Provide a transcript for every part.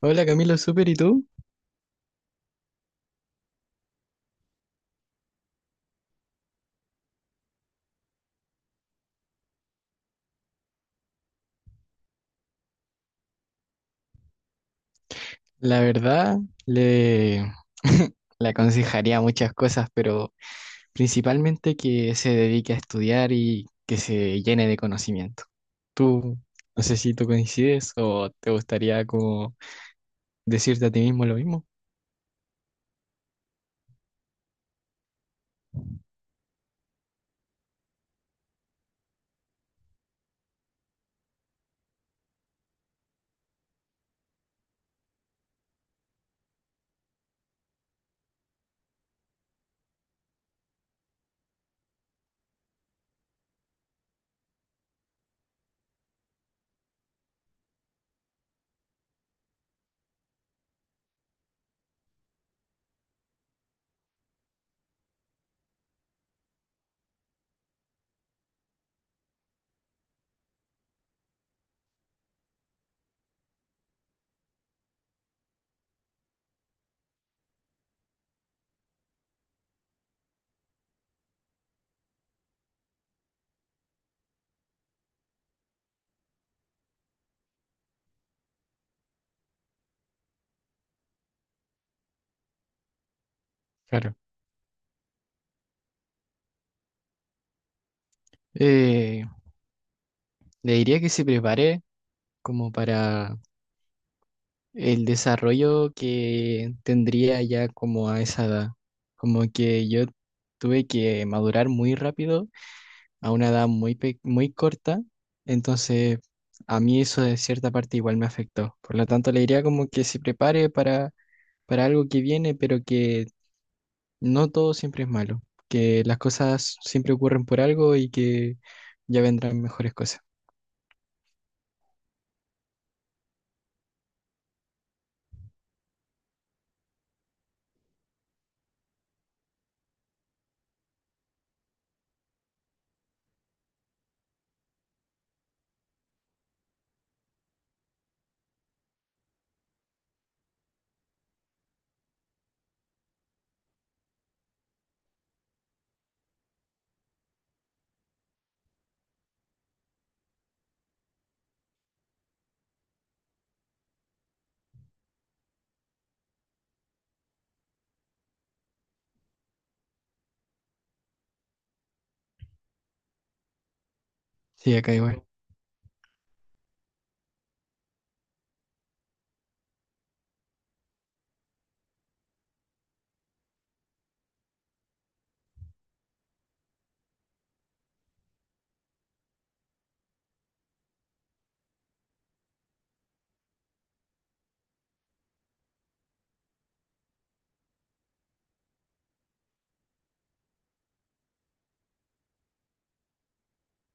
Hola Camilo, súper, ¿y tú? La verdad, le, le aconsejaría muchas cosas, pero principalmente que se dedique a estudiar y que se llene de conocimiento. Tú, no sé si tú coincides o te gustaría como decirte a ti mismo lo mismo. Claro. Eh, le diría que se prepare como para el desarrollo que tendría ya como a esa edad. Como que yo tuve que madurar muy rápido a una edad muy corta, entonces a mí eso de cierta parte igual me afectó. Por lo tanto, le diría como que se prepare para algo que viene, pero que no todo siempre es malo, que las cosas siempre ocurren por algo y que ya vendrán mejores cosas. Sí, acá igual,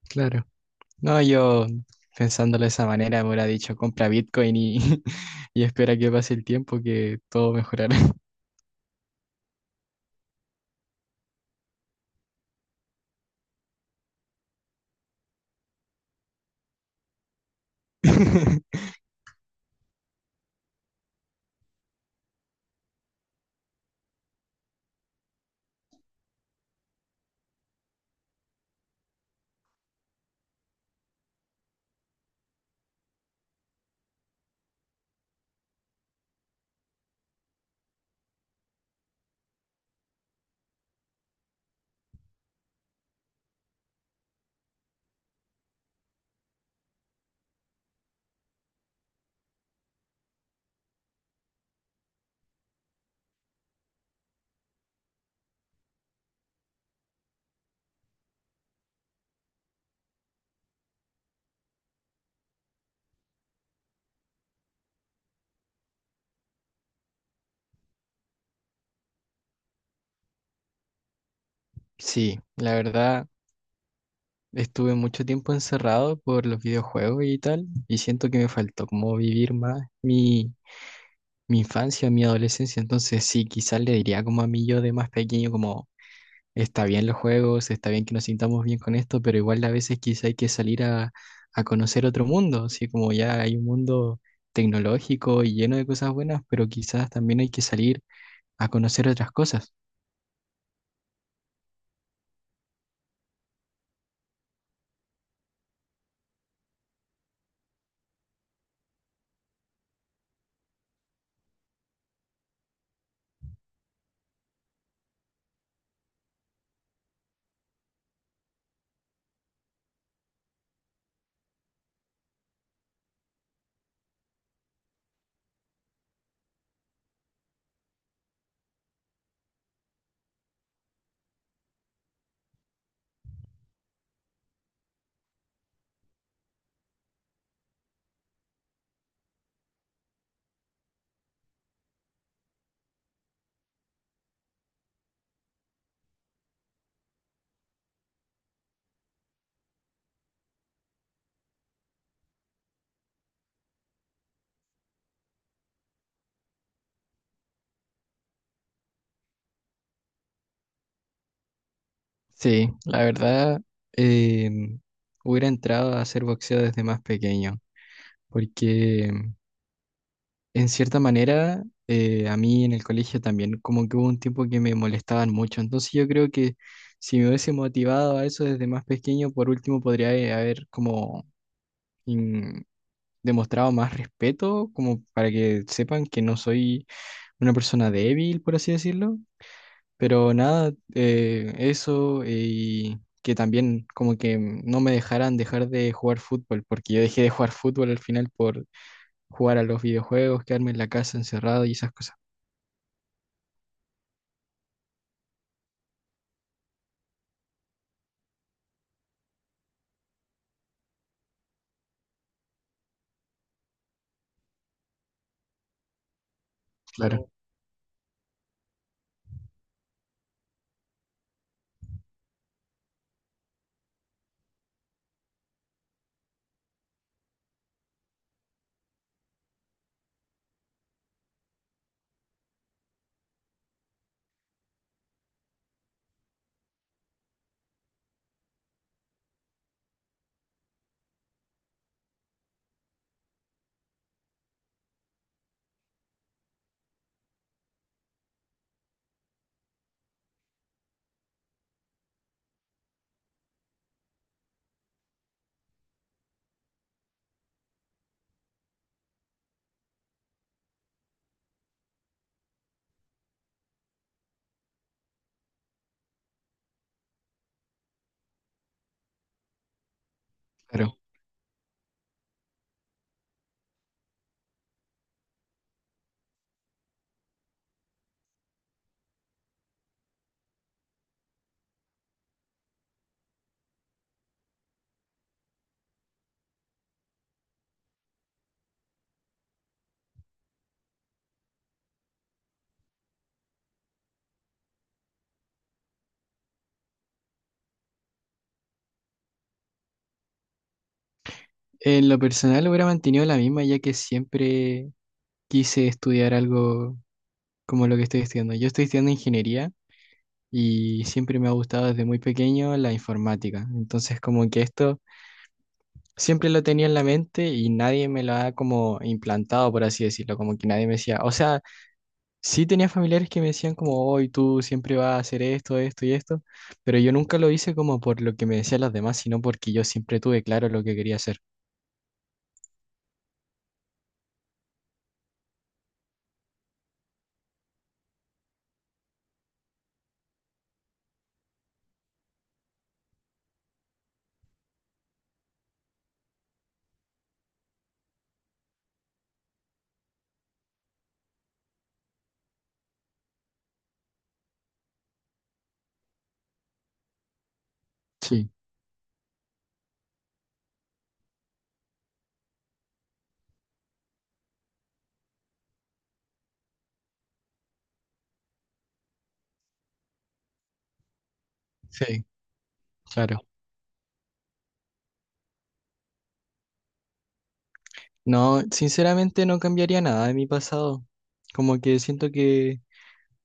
claro. No, yo pensándolo de esa manera me hubiera dicho compra Bitcoin y espera que pase el tiempo que todo mejorará. Sí, la verdad. Estuve mucho tiempo encerrado por los videojuegos y tal, y siento que me faltó como vivir más mi infancia, mi adolescencia. Entonces sí, quizás le diría como a mí yo de más pequeño, como está bien los juegos, está bien que nos sintamos bien con esto, pero igual a veces quizá hay que salir a conocer otro mundo, así como ya hay un mundo tecnológico y lleno de cosas buenas, pero quizás también hay que salir a conocer otras cosas. Sí, la verdad, em, hubiera entrado a hacer boxeo desde más pequeño. Porque en cierta manera a mí en el colegio también como que hubo un tiempo que me molestaban mucho, entonces yo creo que si me hubiese motivado a eso desde más pequeño, por último podría haber como in- demostrado más respeto, como para que sepan que no soy una persona débil, por así decirlo, pero nada, eso y... que también como que no me dejaran dejar de jugar fútbol, porque yo dejé de jugar fútbol al final por jugar a los videojuegos, quedarme en la casa encerrado y esas cosas. Claro, claro, claro. En lo personal hubiera mantenido la misma ya que siempre quise estudiar algo como lo que estoy estudiando. Yo estoy estudiando ingeniería y siempre me ha gustado desde muy pequeño la informática. Entonces como que esto siempre lo tenía en la mente y nadie me lo ha como implantado, por así decirlo, como que nadie me decía, o sea, sí tenía familiares que me decían como, hoy tú siempre vas a hacer esto, esto y esto, pero yo nunca lo hice como por lo que me decían los demás, sino porque yo siempre tuve claro lo que quería hacer. Sí, sí, claro. No, sinceramente no cambiaría nada de mi pasado. Como que siento que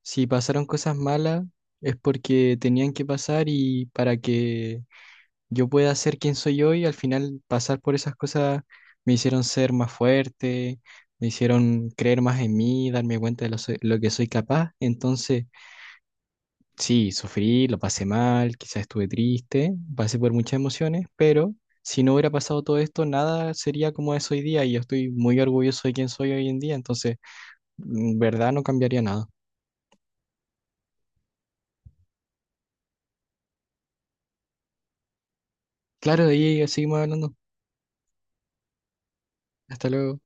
si pasaron cosas malas es porque tenían que pasar y para que yo pueda ser quien soy hoy, al final pasar por esas cosas me hicieron ser más fuerte, me hicieron creer más en mí, darme cuenta de lo que soy capaz. Entonces, sí, sufrí, lo pasé mal, quizás estuve triste, pasé por muchas emociones, pero si no hubiera pasado todo esto, nada sería como es hoy día y yo estoy muy orgulloso de quién soy hoy en día, entonces, en verdad no cambiaría nada. Claro, de ahí seguimos hablando. Hasta luego.